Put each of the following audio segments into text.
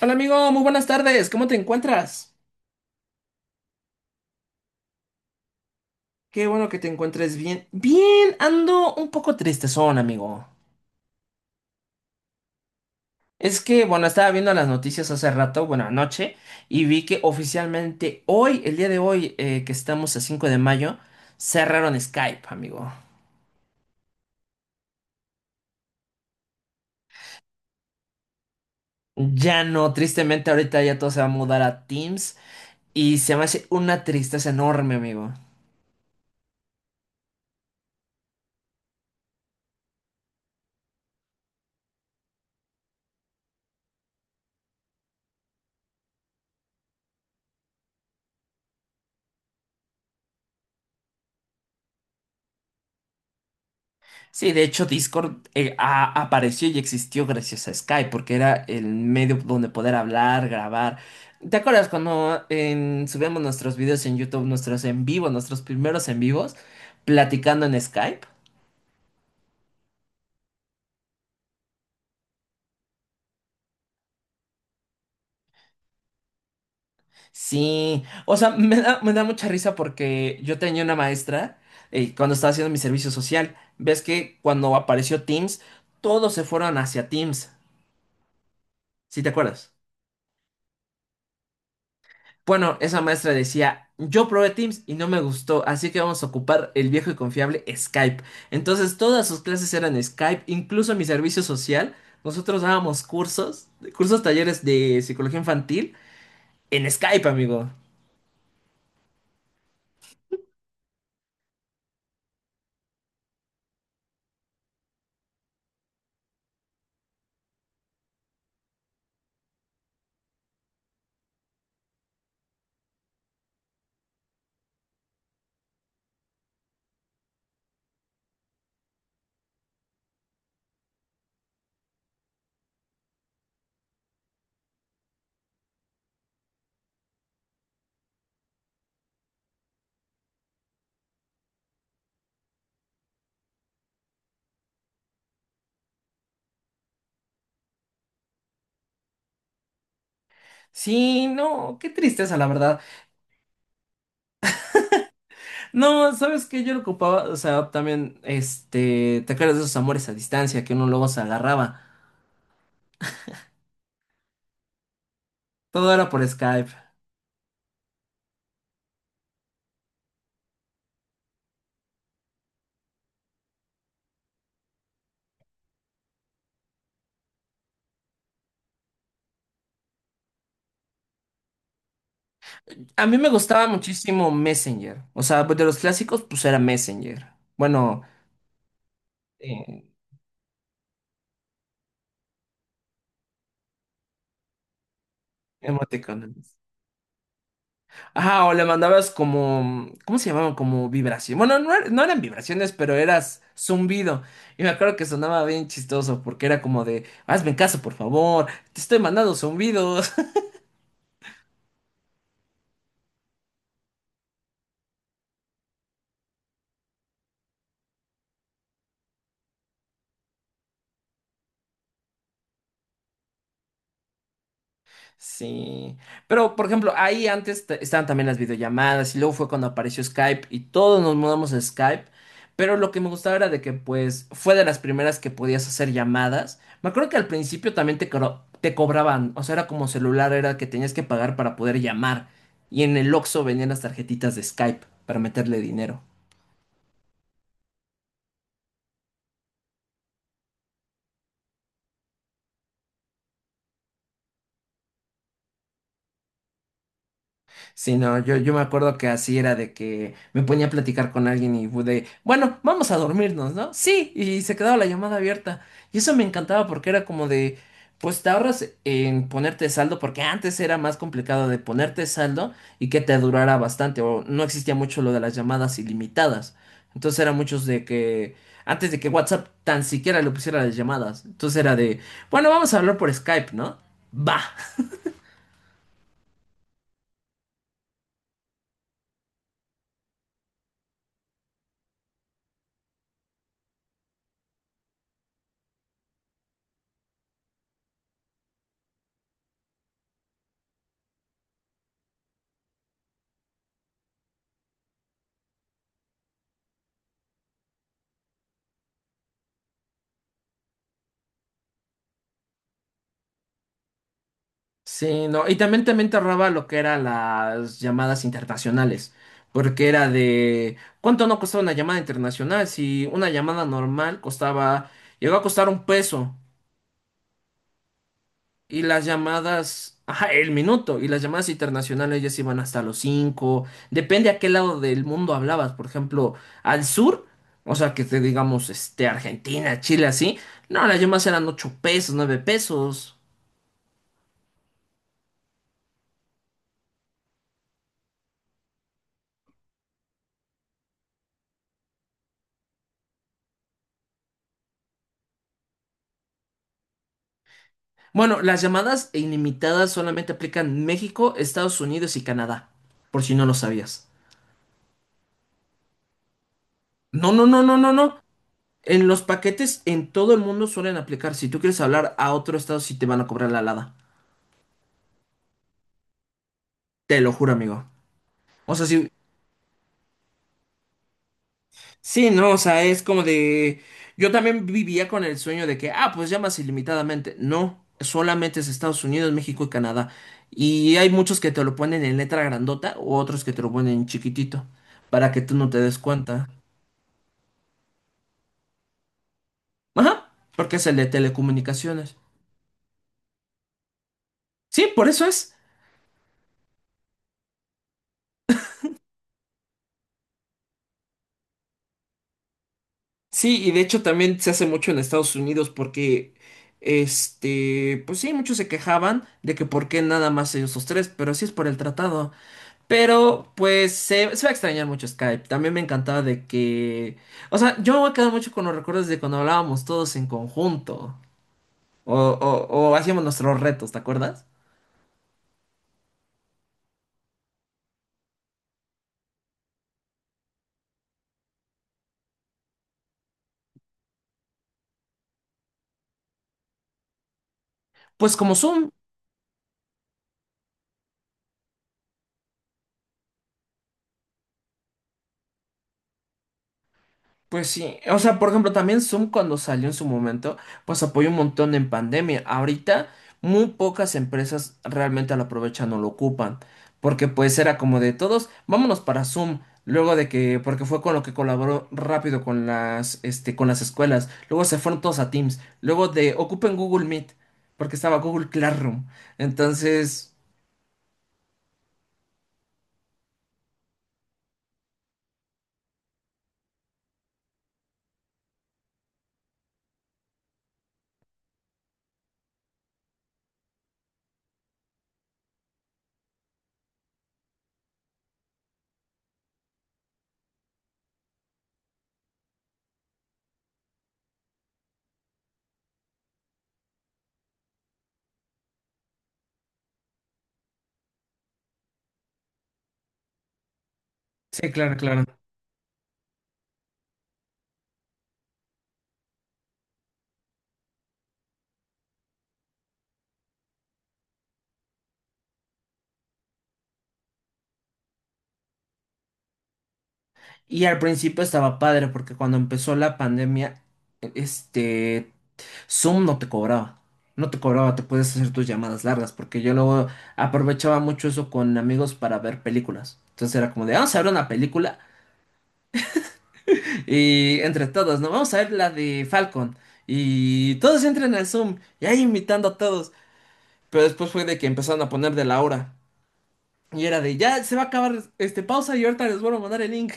Hola amigo, muy buenas tardes. ¿Cómo te encuentras? Qué bueno que te encuentres bien. Bien, ando un poco tristezón, amigo. Es que, bueno, estaba viendo las noticias hace rato, bueno, anoche, y vi que oficialmente hoy, el día de hoy, que estamos a 5 de mayo, cerraron Skype, amigo. Ya no, tristemente ahorita ya todo se va a mudar a Teams y se me hace una tristeza enorme, amigo. Sí, de hecho Discord apareció y existió gracias a Skype, porque era el medio donde poder hablar, grabar. ¿Te acuerdas cuando subíamos nuestros videos en YouTube, nuestros en vivo, nuestros primeros en vivos, platicando en Skype? Sí, o sea, me da mucha risa porque yo tenía una maestra cuando estaba haciendo mi servicio social. Ves que cuando apareció Teams, todos se fueron hacia Teams. ¿Sí te acuerdas? Bueno, esa maestra decía, yo probé Teams y no me gustó, así que vamos a ocupar el viejo y confiable Skype. Entonces todas sus clases eran Skype, incluso mi servicio social. Nosotros dábamos cursos, cursos talleres de psicología infantil en Skype, amigo. Sí, no, qué tristeza, la verdad. No, sabes que yo lo ocupaba, o sea, también, este, te acuerdas de esos amores a distancia que uno luego se agarraba. Todo era por Skype. A mí me gustaba muchísimo Messenger. O sea, pues, de los clásicos, pues era Messenger. Bueno, eh, emoticones. Ajá, o le mandabas como, ¿cómo se llamaban? Como vibración. Bueno, no, no eran vibraciones, pero eras zumbido. Y me acuerdo que sonaba bien chistoso porque era como de, hazme caso, por favor, te estoy mandando zumbidos. Sí, pero por ejemplo, ahí antes estaban también las videollamadas y luego fue cuando apareció Skype y todos nos mudamos a Skype, pero lo que me gustaba era de que pues fue de las primeras que podías hacer llamadas. Me acuerdo que al principio también te cobraban, o sea, era como celular, era que tenías que pagar para poder llamar y en el Oxxo venían las tarjetitas de Skype para meterle dinero. Sí, no, yo me acuerdo que así era de que me ponía a platicar con alguien y de, bueno, vamos a dormirnos, ¿no? Sí, y se quedaba la llamada abierta. Y eso me encantaba porque era como de, pues te ahorras en ponerte saldo, porque antes era más complicado de ponerte saldo y que te durara bastante, o no existía mucho lo de las llamadas ilimitadas. Entonces era muchos de que, antes de que WhatsApp tan siquiera le pusiera las llamadas, entonces era de, bueno, vamos a hablar por Skype, ¿no? Va. Sí, no, y también, también te ahorraba lo que eran las llamadas internacionales, porque era de ¿cuánto no costaba una llamada internacional? Si una llamada normal costaba, llegó a costar un peso, y las llamadas, ajá, el minuto, y las llamadas internacionales ya se iban hasta los cinco, depende a qué lado del mundo hablabas, por ejemplo, al sur, o sea, que te digamos, este, Argentina, Chile, así, no, las llamadas eran 8 pesos, 9 pesos. Bueno, las llamadas ilimitadas solamente aplican México, Estados Unidos y Canadá, por si no lo sabías. No, no, no, no, no, no. En los paquetes en todo el mundo suelen aplicar. Si tú quieres hablar a otro estado, sí te van a cobrar la alada. Te lo juro, amigo. O sea, sí, sí, no, o sea, es como de... Yo también vivía con el sueño de que, ah, pues llamas ilimitadamente. No, solamente es Estados Unidos, México y Canadá. Y hay muchos que te lo ponen en letra grandota o otros que te lo ponen en chiquitito, para que tú no te des cuenta. Ajá, porque es el de telecomunicaciones. Sí, por eso es. Sí, y de hecho también se hace mucho en Estados Unidos porque, este, pues sí, muchos se quejaban de que por qué nada más ellos los tres, pero sí es por el tratado. Pero pues se va a extrañar mucho Skype. También me encantaba de que, o sea, yo me voy a quedar mucho con los recuerdos de cuando hablábamos todos en conjunto o, o o hacíamos nuestros retos, ¿te acuerdas? Pues como Zoom. Pues sí, o sea, por ejemplo, también Zoom cuando salió en su momento, pues apoyó un montón en pandemia. Ahorita muy pocas empresas realmente lo aprovechan o lo ocupan, porque pues era como de todos, vámonos para Zoom, luego de que, porque fue con lo que colaboró rápido con las, este, con las escuelas, luego se fueron todos a Teams, luego de ocupen Google Meet, porque estaba Google Classroom. Entonces, sí, claro, claro. Y al principio estaba padre porque cuando empezó la pandemia, este, Zoom no te cobraba. No te cobraba, te puedes hacer tus llamadas largas porque yo luego aprovechaba mucho eso con amigos para ver películas. Entonces era como de, vamos a ver una película y entre todos, ¿no? Vamos a ver la de Falcon y todos entran al Zoom y ahí invitando a todos. Pero después fue de que empezaron a poner de la hora y era de, ya se va a acabar este pausa y ahorita les vuelvo a mandar el link.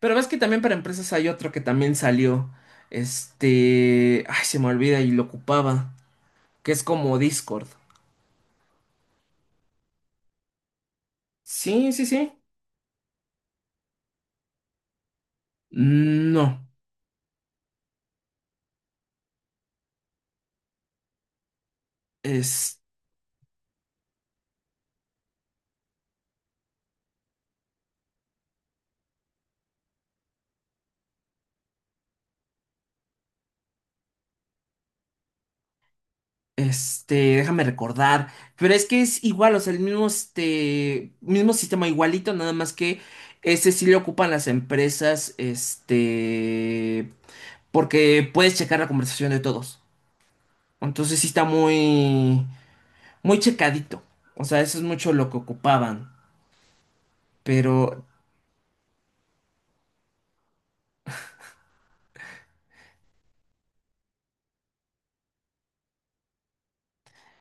Pero ves que también para empresas hay otro que también salió. Este. Ay, se me olvida y lo ocupaba. Que es como Discord. Sí, sí, sí. No. Es. Este. Déjame recordar. Pero es que es igual, o sea, el mismo este. Mismo sistema igualito, nada más que. Ese sí le ocupan las empresas. Este. Porque puedes checar la conversación de todos. Entonces sí está muy. Muy checadito. O sea, eso es mucho lo que ocupaban. Pero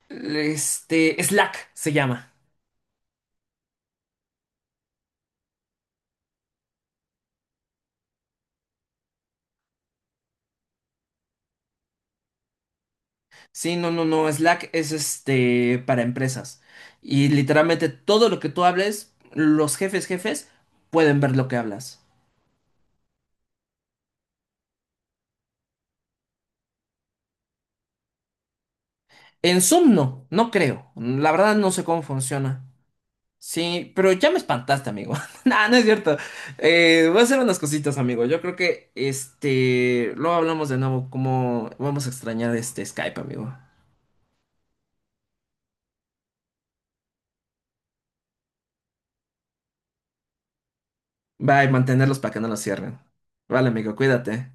Slack se llama. Sí, no, no, no, Slack es este para empresas. Y literalmente todo lo que tú hables, los jefes, jefes, pueden ver lo que hablas. En Zoom no, no creo. La verdad no sé cómo funciona. Sí, pero ya me espantaste, amigo. No, no es cierto. Voy a hacer unas cositas, amigo. Yo creo que este, luego hablamos de nuevo cómo vamos a extrañar este Skype, amigo. Bye, mantenerlos para que no los cierren. Vale, amigo, cuídate.